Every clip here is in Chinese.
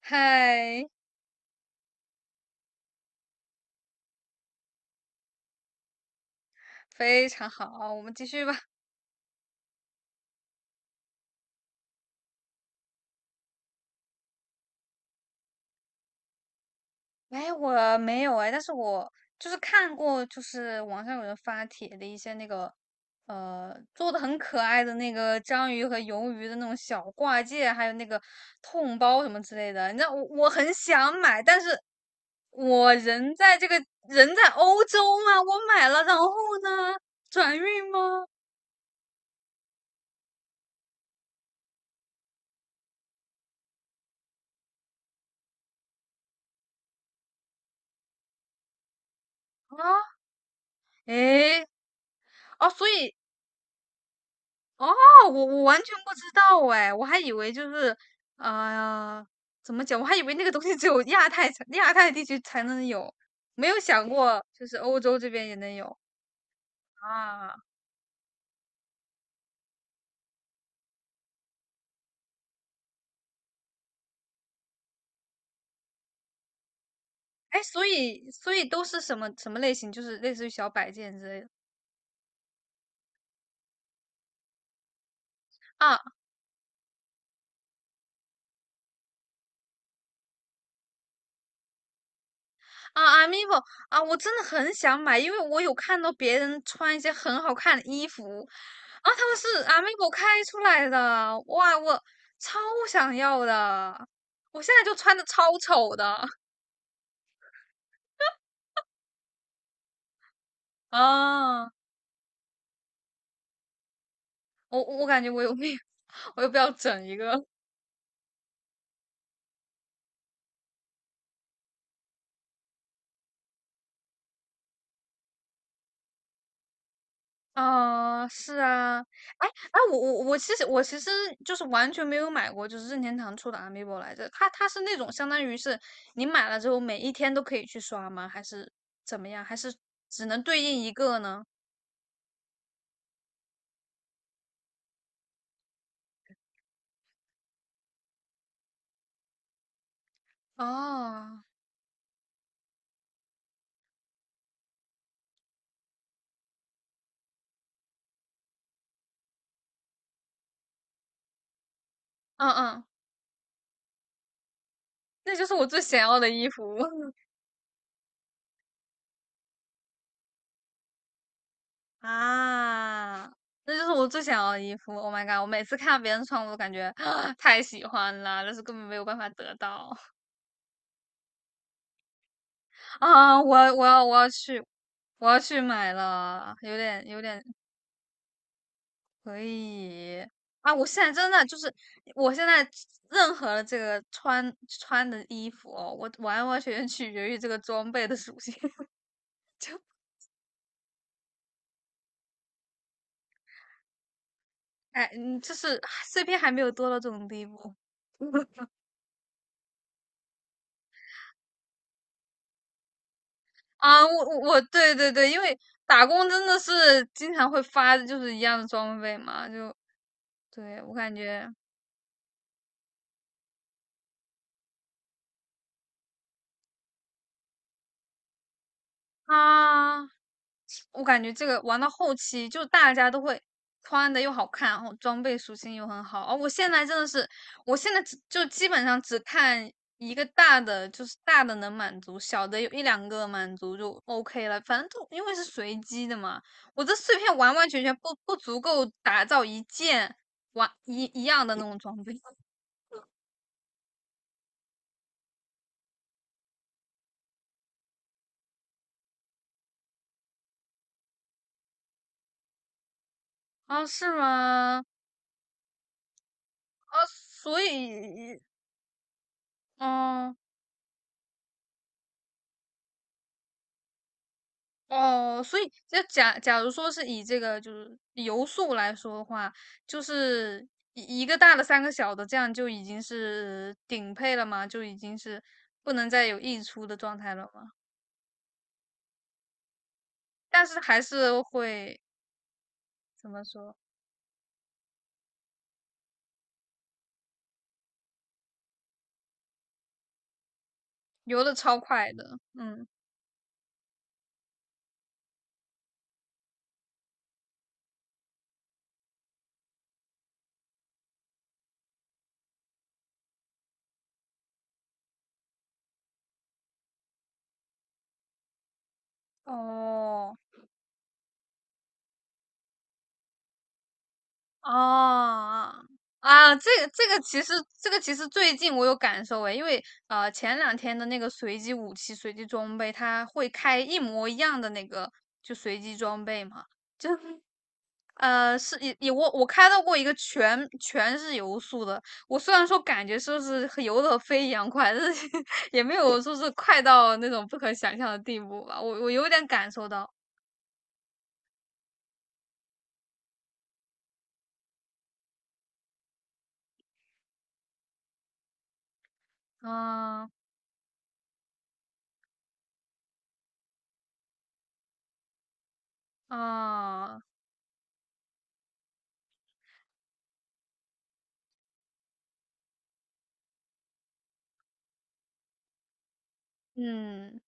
嗨，非常好，我们继续吧。哎，我没有哎，但是我就是看过，就是网上有人发帖的一些那个，做的很可爱的那个章鱼和鱿鱼的那种小挂件，还有那个痛包什么之类的。你知道我很想买，但是我人在欧洲嘛，我买了，然后呢，转运吗？啊，诶，哦，所以哦，我完全不知道哎，我还以为就是，呃，怎么讲？我还以为那个东西只有亚太地区才能有，没有想过就是欧洲这边也能有啊。哎，所以都是什么什么类型？就是类似于小摆件之类的啊。啊，Amiibo 啊，我真的很想买，因为我有看到别人穿一些很好看的衣服，啊，他们是 Amiibo 开出来的，哇，我超想要的，我现在就穿的超丑的 啊，我感觉我有病，我又不要整一个，哦，是啊，哎哎，我其实就是完全没有买过，就是任天堂出的 Amiibo 来着。它是那种相当于是你买了之后每一天都可以去刷吗？还是怎么样？还是只能对应一个呢？哦，嗯嗯，那就是我最想要的衣服 啊，那就是我最想要的衣服。Oh my god！我每次看到别人穿，我都感觉 太喜欢了，但是根本没有办法得到。啊，我要去买了，有点可以啊！我现在任何的这个穿的衣服哦，我完完全全取决于这个装备的属性。哎，嗯，就是碎片还没有多到这种地步 啊！我我我，对对对，因为打工真的是经常会发，就是一样的装备嘛，就对我感觉啊。我感觉这个玩到后期，就大家都会穿的又好看，然后装备属性又很好。哦，我现在只就基本上只看一个大的，就是大的能满足，小的有一两个满足就 OK 了。反正就因为是随机的嘛，我这碎片完完全全不足够打造一件一样的那种装备 啊？是吗？啊，所以，嗯、哦，所以就假如说是以这个就是游速来说的话，就是一个大的三个小的，这样就已经是顶配了吗？就已经是不能再有溢出的状态了吗？但是还是会怎么说，游的超快的，嗯，哦。哦，啊，这个这个其实这个其实最近我有感受诶，因为前两天的那个随机武器、随机装备，它会开一模一样的那个就随机装备嘛。是也我开到过一个全是游速的，我虽然说感觉说是和游的飞一样快，但是 也没有说是快到那种不可想象的地步吧。我有点感受到，啊啊，嗯。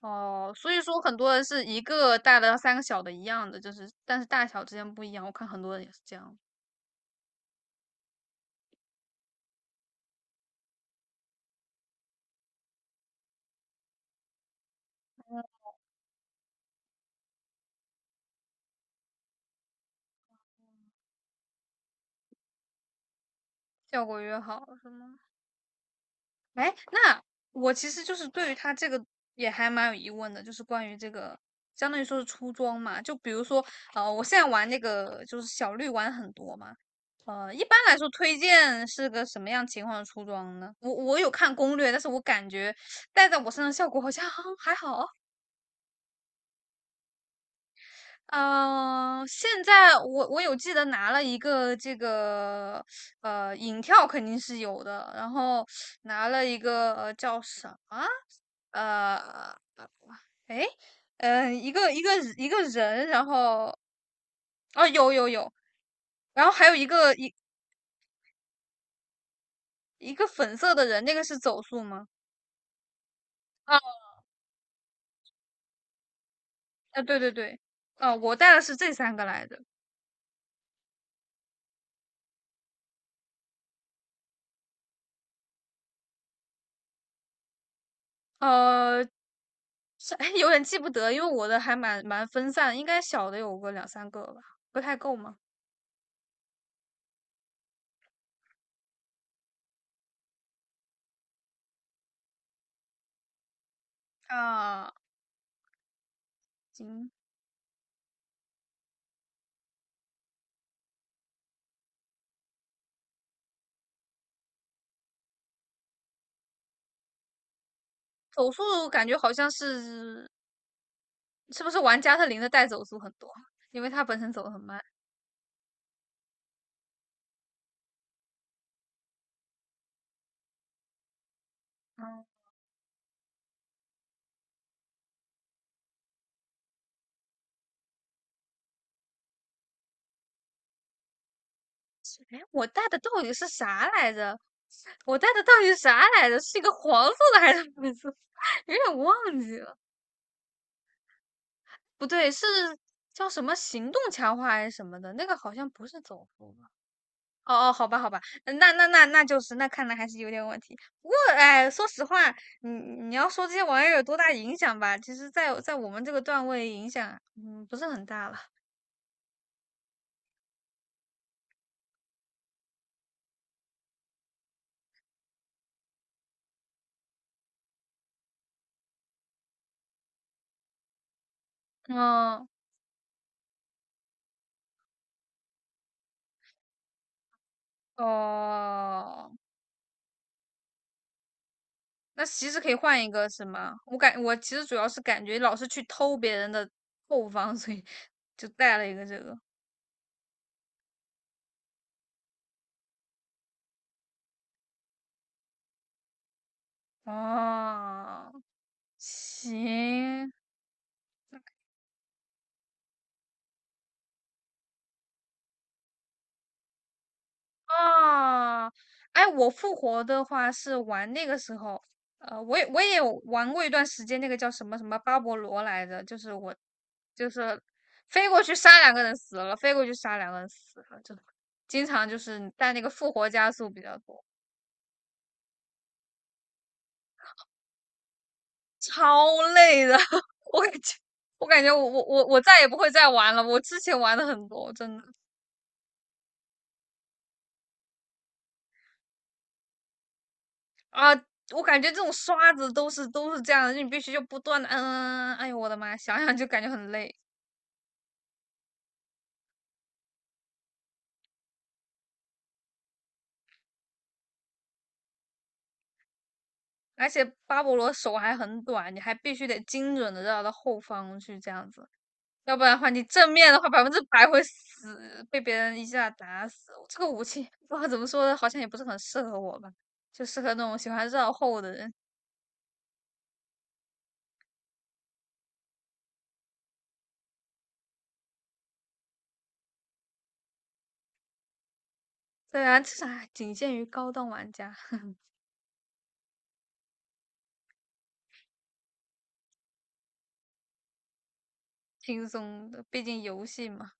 哦，所以说很多人是一个大的三个小的一样的，就是但是大小之间不一样。我看很多人也是这样，效果越好是吗？哎，那我其实就是对于它这个也还蛮有疑问的，就是关于这个相当于说是出装嘛，就比如说我现在玩那个就是小绿玩很多嘛。一般来说，推荐是个什么样情况的出装呢？我有看攻略，但是我感觉戴在我身上效果好像 还好。嗯、现在我有记得拿了一个这个影跳肯定是有的，然后拿了一个叫什么呃诶呃一个一个一个人，然后哦有有有，然后还有一个粉色的人，那个是走速吗？哦，啊对对对，哦、我带的是这三个来的，呃，是 有点记不得，因为我的还蛮分散的应该小的有个两三个吧，不太够吗？啊，行，走速感觉好像是不是玩加特林的带走速很多，因为它本身走的很慢。嗯，哎，我带的到底是啥来着？我带的到底是啥来着？是一个黄色的还是粉色？有点忘记了。不对，是叫什么行动强化还是什么的？那个好像不是走速。哦哦，好吧，好吧，嗯那就是，那看来还是有点问题。不过，哎，说实话，你要说这些玩意儿有多大影响吧，其实在，在我们这个段位影响，嗯，不是很大了。嗯，哦，那其实可以换一个，是吗？我其实主要是感觉老是去偷别人的后方，所以就带了一个这个。哦，行，啊，哎，我复活的话是玩那个时候，我也有玩过一段时间，那个叫什么什么巴勃罗来着，就是我就是飞过去杀两个人死了，飞过去杀两个人死了，就经常就是带那个复活加速比较多，超累的，我感觉我感觉我再也不会再玩了，我之前玩的很多，真的啊。我感觉这种刷子都是这样的，你必须就不断的，嗯，哎呦我的妈，想想就感觉很累。而且巴勃罗手还很短，你还必须得精准的绕到后方去这样子，要不然的话，你正面的话百分之百会死，被别人一下打死。这个武器不知道怎么说呢，好像也不是很适合我吧，就适合那种喜欢绕后的人。虽然这还仅限于高端玩家，轻松的，毕竟游戏嘛。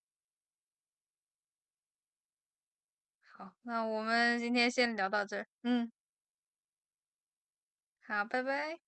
好，那我们今天先聊到这儿，嗯，好，拜拜。